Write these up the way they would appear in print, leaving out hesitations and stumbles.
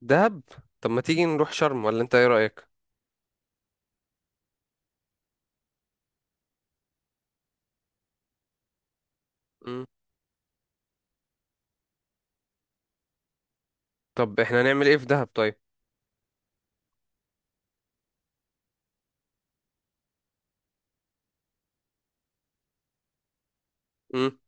دهب. طب ما تيجي نروح شرم ولا انت ايه رأيك؟ مم. طب احنا هنعمل ايه في دهب طيب؟ مم.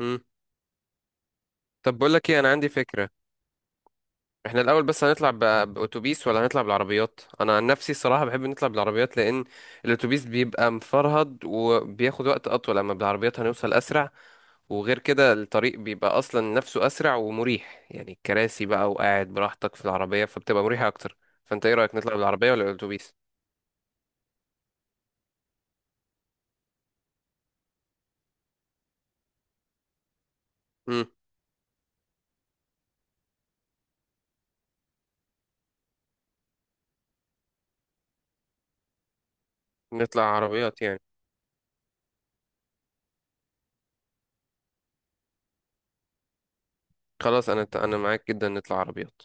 مم. طب بقول لك ايه، انا عندي فكرة. احنا الاول بس هنطلع باتوبيس ولا هنطلع بالعربيات؟ انا عن نفسي الصراحة بحب نطلع بالعربيات، لان الاتوبيس بيبقى مفرهد وبياخد وقت اطول، اما بالعربيات هنوصل اسرع. وغير كده الطريق بيبقى اصلا نفسه اسرع ومريح، يعني الكراسي بقى وقاعد براحتك في العربية فبتبقى مريحة اكتر. فانت ايه رأيك، نطلع بالعربية ولا الاتوبيس؟ مم. نطلع عربيات يعني. خلاص انا معاك جدا، نطلع عربيات.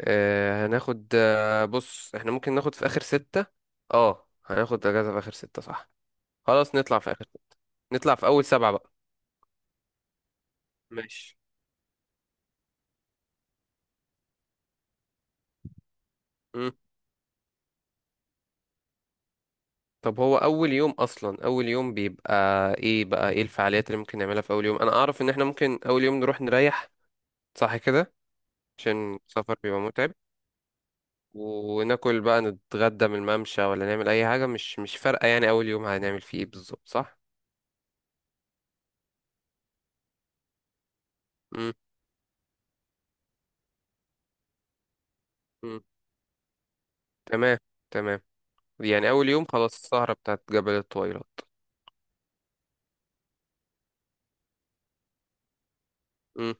آه هناخد، آه بص احنا ممكن ناخد في اخر ستة. اه هناخد اجازة في اخر ستة صح. خلاص نطلع في اخر ستة. نطلع في اول سبعة بقى. ماشي. مم. طب هو اول يوم اصلا، اول يوم بيبقى ايه بقى، ايه الفعاليات اللي ممكن نعملها في اول يوم؟ انا اعرف ان احنا ممكن اول يوم نروح نريح، صح كده؟ عشان السفر بيبقى متعب. وناكل بقى، نتغدى من الممشى ولا نعمل اي حاجة، مش فارقة يعني، اول يوم هنعمل فيه ايه بالظبط صح؟ مم. مم. تمام. تمام. يعني اول يوم خلاص السهرة بتاعت جبل الطويلات. امم.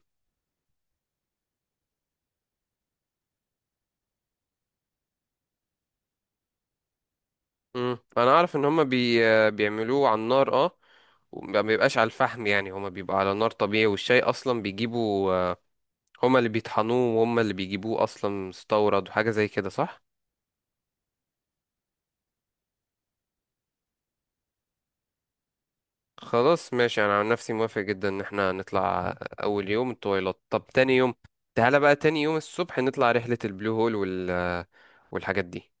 امم. انا اعرف ان هما بيعملوه على النار، اه. وما بيبقاش على الفحم يعني، هما بيبقى على نار طبيعي، والشاي اصلا بيجيبوا، هما اللي بيطحنوه وهما اللي بيجيبوه اصلا مستورد وحاجة زي كده، صح؟ خلاص ماشي، انا عن نفسي موافق جدا ان احنا نطلع اول يوم الطويلات. طب تاني يوم، تعالى بقى تاني يوم الصبح نطلع رحلة البلو هول والحاجات دي.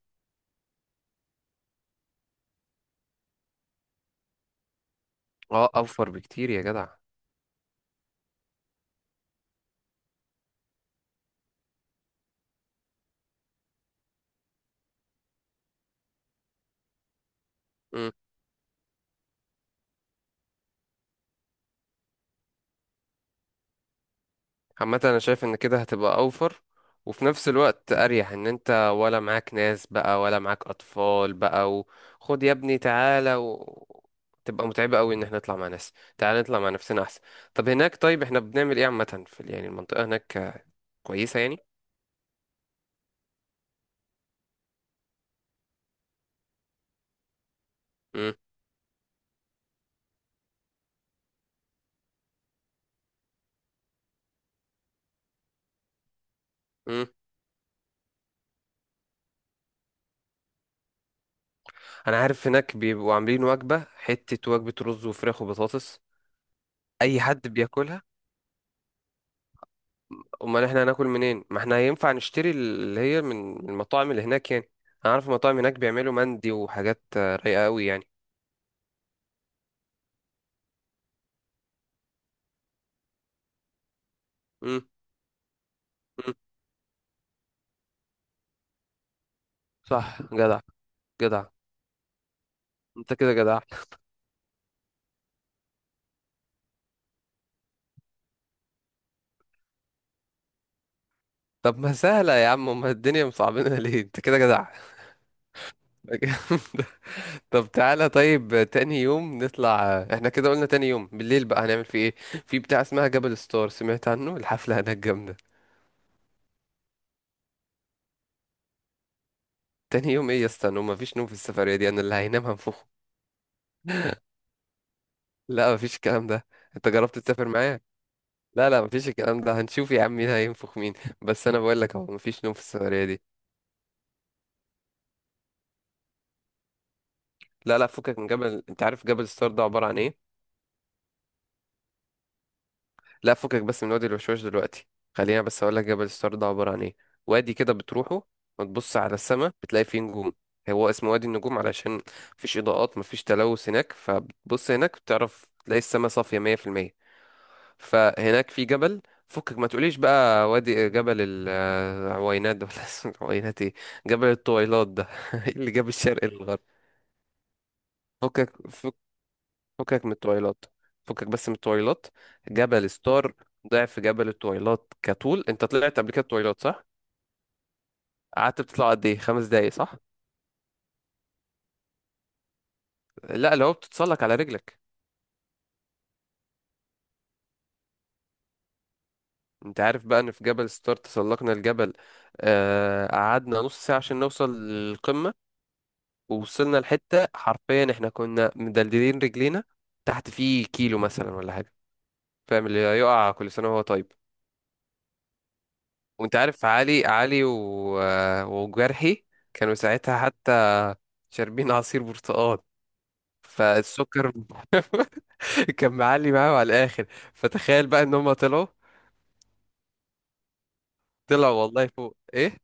اه اوفر بكتير يا جدع. امم. عامة انا شايف ان كده هتبقى اوفر وفي نفس الوقت اريح، ان انت ولا معاك ناس بقى ولا معاك اطفال بقى، وخد يا ابني تعالى تبقى متعبة قوي ان احنا نطلع مع ناس. تعالى نطلع مع نفسنا احسن. طب هناك طيب احنا بنعمل ايه عامة في يعني المنطقة هناك؟ كويسة يعني؟ امم. امم. انا عارف هناك بيبقوا عاملين وجبة، حتة وجبة رز وفراخ وبطاطس. اي حد بياكلها. امال احنا هناكل منين؟ ما احنا هينفع نشتري اللي هي من من المطاعم اللي هناك يعني. انا عارف المطاعم هناك بيعملوا مندي وحاجات رايقه قوي يعني. امم. أمم. صح جدع. جدع. انت كده جدع. طب ما سهله يا عم، امال الدنيا مصعبينها ليه؟ انت كده جدع. طب تعالى طيب تاني يوم نطلع، احنا كده قلنا تاني يوم بالليل بقى هنعمل فيه ايه؟ في بتاع اسمها جبل ستار، سمعت عنه؟ الحفله هناك جامده. تاني يوم ايه يا اسطى نوم؟ مفيش نوم في السفريه دي، انا اللي هينام هنفخه. لا مفيش الكلام ده. انت جربت تسافر معايا؟ لا مفيش الكلام ده، هنشوف يا عم مين هينفخ مين. بس انا بقول لك اهو مفيش نوم في السفريه دي. لا فكك من جبل، انت عارف جبل ستار ده عباره عن ايه؟ لا فكك بس من وادي الوشواش دلوقتي، خلينا بس اقول لك جبل ستار ده عباره عن ايه. وادي كده بتروحه وتبص على السماء بتلاقي فيه نجوم. هو اسمه وادي النجوم، علشان مفيش اضاءات مفيش تلوث هناك، فبتبص هناك بتعرف تلاقي السماء صافيه 100%. فهناك في جبل، فكك ما تقوليش بقى وادي جبل العوينات ده ولا اسمه العوينات ايه، جبل الطويلات ده. إيه اللي جاب الشرق للغرب؟ فكك فك، فكك من الطويلات، فكك بس من الطويلات. جبل ستار ضعف جبل الطويلات كطول. انت طلعت قبل كده الطويلات، صح؟ قعدت بتطلع قد ايه، 5 دقايق صح؟ لا لو بتتسلق على رجلك. انت عارف بقى ان في جبل ستار تسلقنا الجبل، قعدنا نص ساعة عشان نوصل للقمة. ووصلنا لحتة حرفيا احنا كنا مدلدلين رجلينا، تحت فيه كيلو مثلا ولا حاجة. فاهم؟ اللي يقع كل سنة وهو طيب. وانت عارف علي علي وجرحي كانوا ساعتها حتى شاربين عصير برتقال، فالسكر كان معلي معاهم على الآخر. فتخيل بقى ان هم طلعوا، طلعوا والله فوق. ايه؟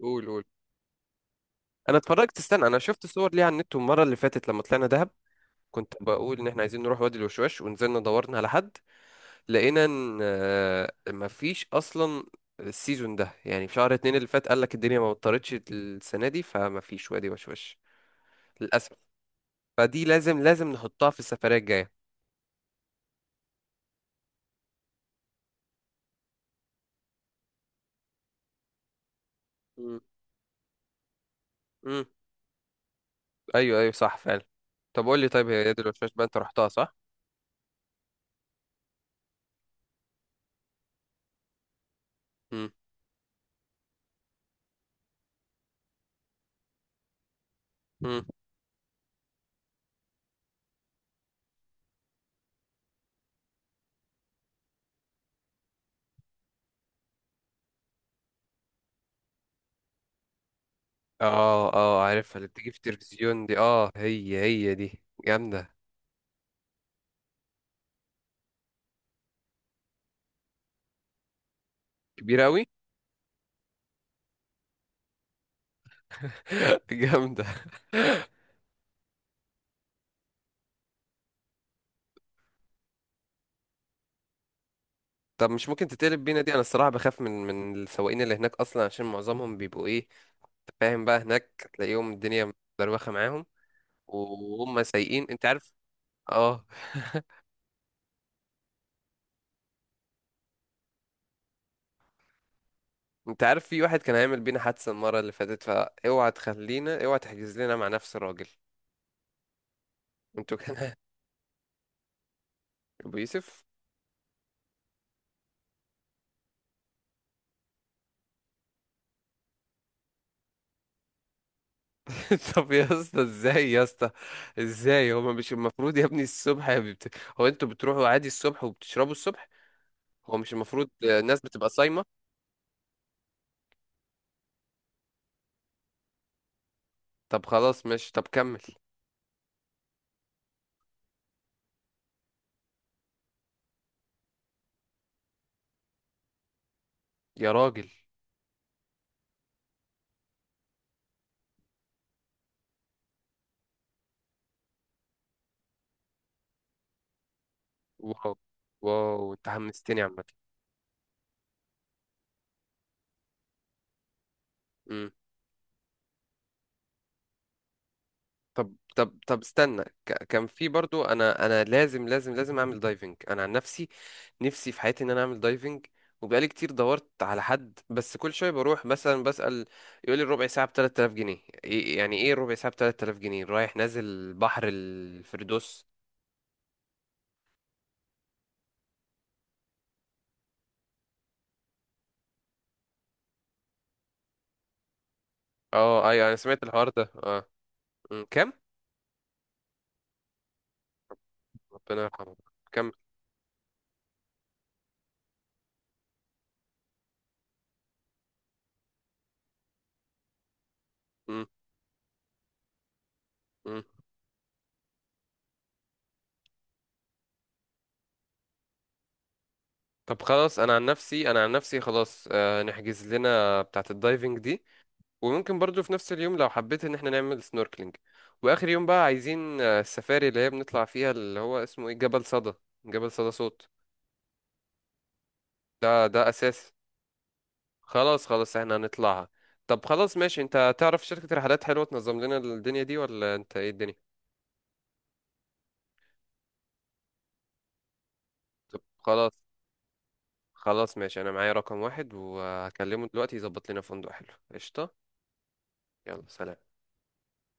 قول قول. انا اتفرجت استنى، انا شفت صور ليها على النت المرة اللي فاتت لما طلعنا دهب. كنت بقول ان احنا عايزين نروح وادي الوشواش، ونزلنا دورنا على حد، لقينا ان مفيش اصلا، السيزون ده يعني، في شهر اتنين اللي فات قال لك الدنيا ما مطرتش السنه دي فمفيش وادي وش وش، للاسف. فدي لازم لازم نحطها في السفريه الجايه. مم. مم. ايوه ايوه صح فعلا. طب قول لي طيب، هي يد الوشواش بقى انت رحتها، صح؟ مم. مم. اه اه عارفها، اللي بتيجي في التلفزيون دي، اه هي هي دي جامده. كبيره قوي. جامده. طب مش ممكن تتقلب بينا دي؟ انا الصراحه بخاف من السواقين اللي هناك اصلا، عشان معظمهم بيبقوا ايه، فاهم بقى هناك هتلاقيهم الدنيا مدروخة معاهم، وهم سايقين انت عارف، اه. انت عارف في واحد كان هيعمل بينا حادثة المرة اللي فاتت، فاوعى تخلينا، اوعى تحجز لنا مع نفس الراجل. انتوا كان، ابو يوسف. طب يا اسطى ازاي، يا اسطى ازاي؟ هو مش المفروض يا ابني الصبح يا هو انتوا بتروحوا عادي الصبح وبتشربوا الصبح؟ هو مش المفروض الناس بتبقى صايمة؟ طب خلاص ماشي، طب كمل. يا راجل. واو. واو انت حمستني عامة. إمم. طب طب استنى، كان في برضو، انا لازم لازم لازم اعمل دايفنج انا عن نفسي، نفسي في حياتي ان انا اعمل دايفنج، وبقالي كتير دورت على حد، بس كل شويه بروح مثلا بسأل يقول لي الربع ساعه ب 3000 جنيه، يعني ايه الربع ساعه ب 3000 جنيه؟ رايح نازل بحر الفردوس؟ اه ايوه انا سمعت الحوار ده اه. أمم، كام؟ ربنا يرحمه. كم؟ أمم. أمم. طب خلاص انا عن نفسي، انا عن نفسي خلاص آه نحجز لنا بتاعه الدايفنج دي. وممكن برضو في نفس اليوم لو حبيت ان احنا نعمل سنوركلينج. واخر يوم بقى عايزين السفاري اللي هي بنطلع فيها، اللي هو اسمه ايه، جبل صدى. جبل صدى صوت. ده اساسي. خلاص خلاص احنا هنطلعها. طب خلاص ماشي، انت تعرف شركة رحلات حلوة تنظم لنا الدنيا دي، ولا انت ايه الدنيا؟ طب خلاص، خلاص ماشي، انا معايا رقم واحد وهكلمه دلوقتي يظبط لنا فندق حلو. قشطة. يلا سلام.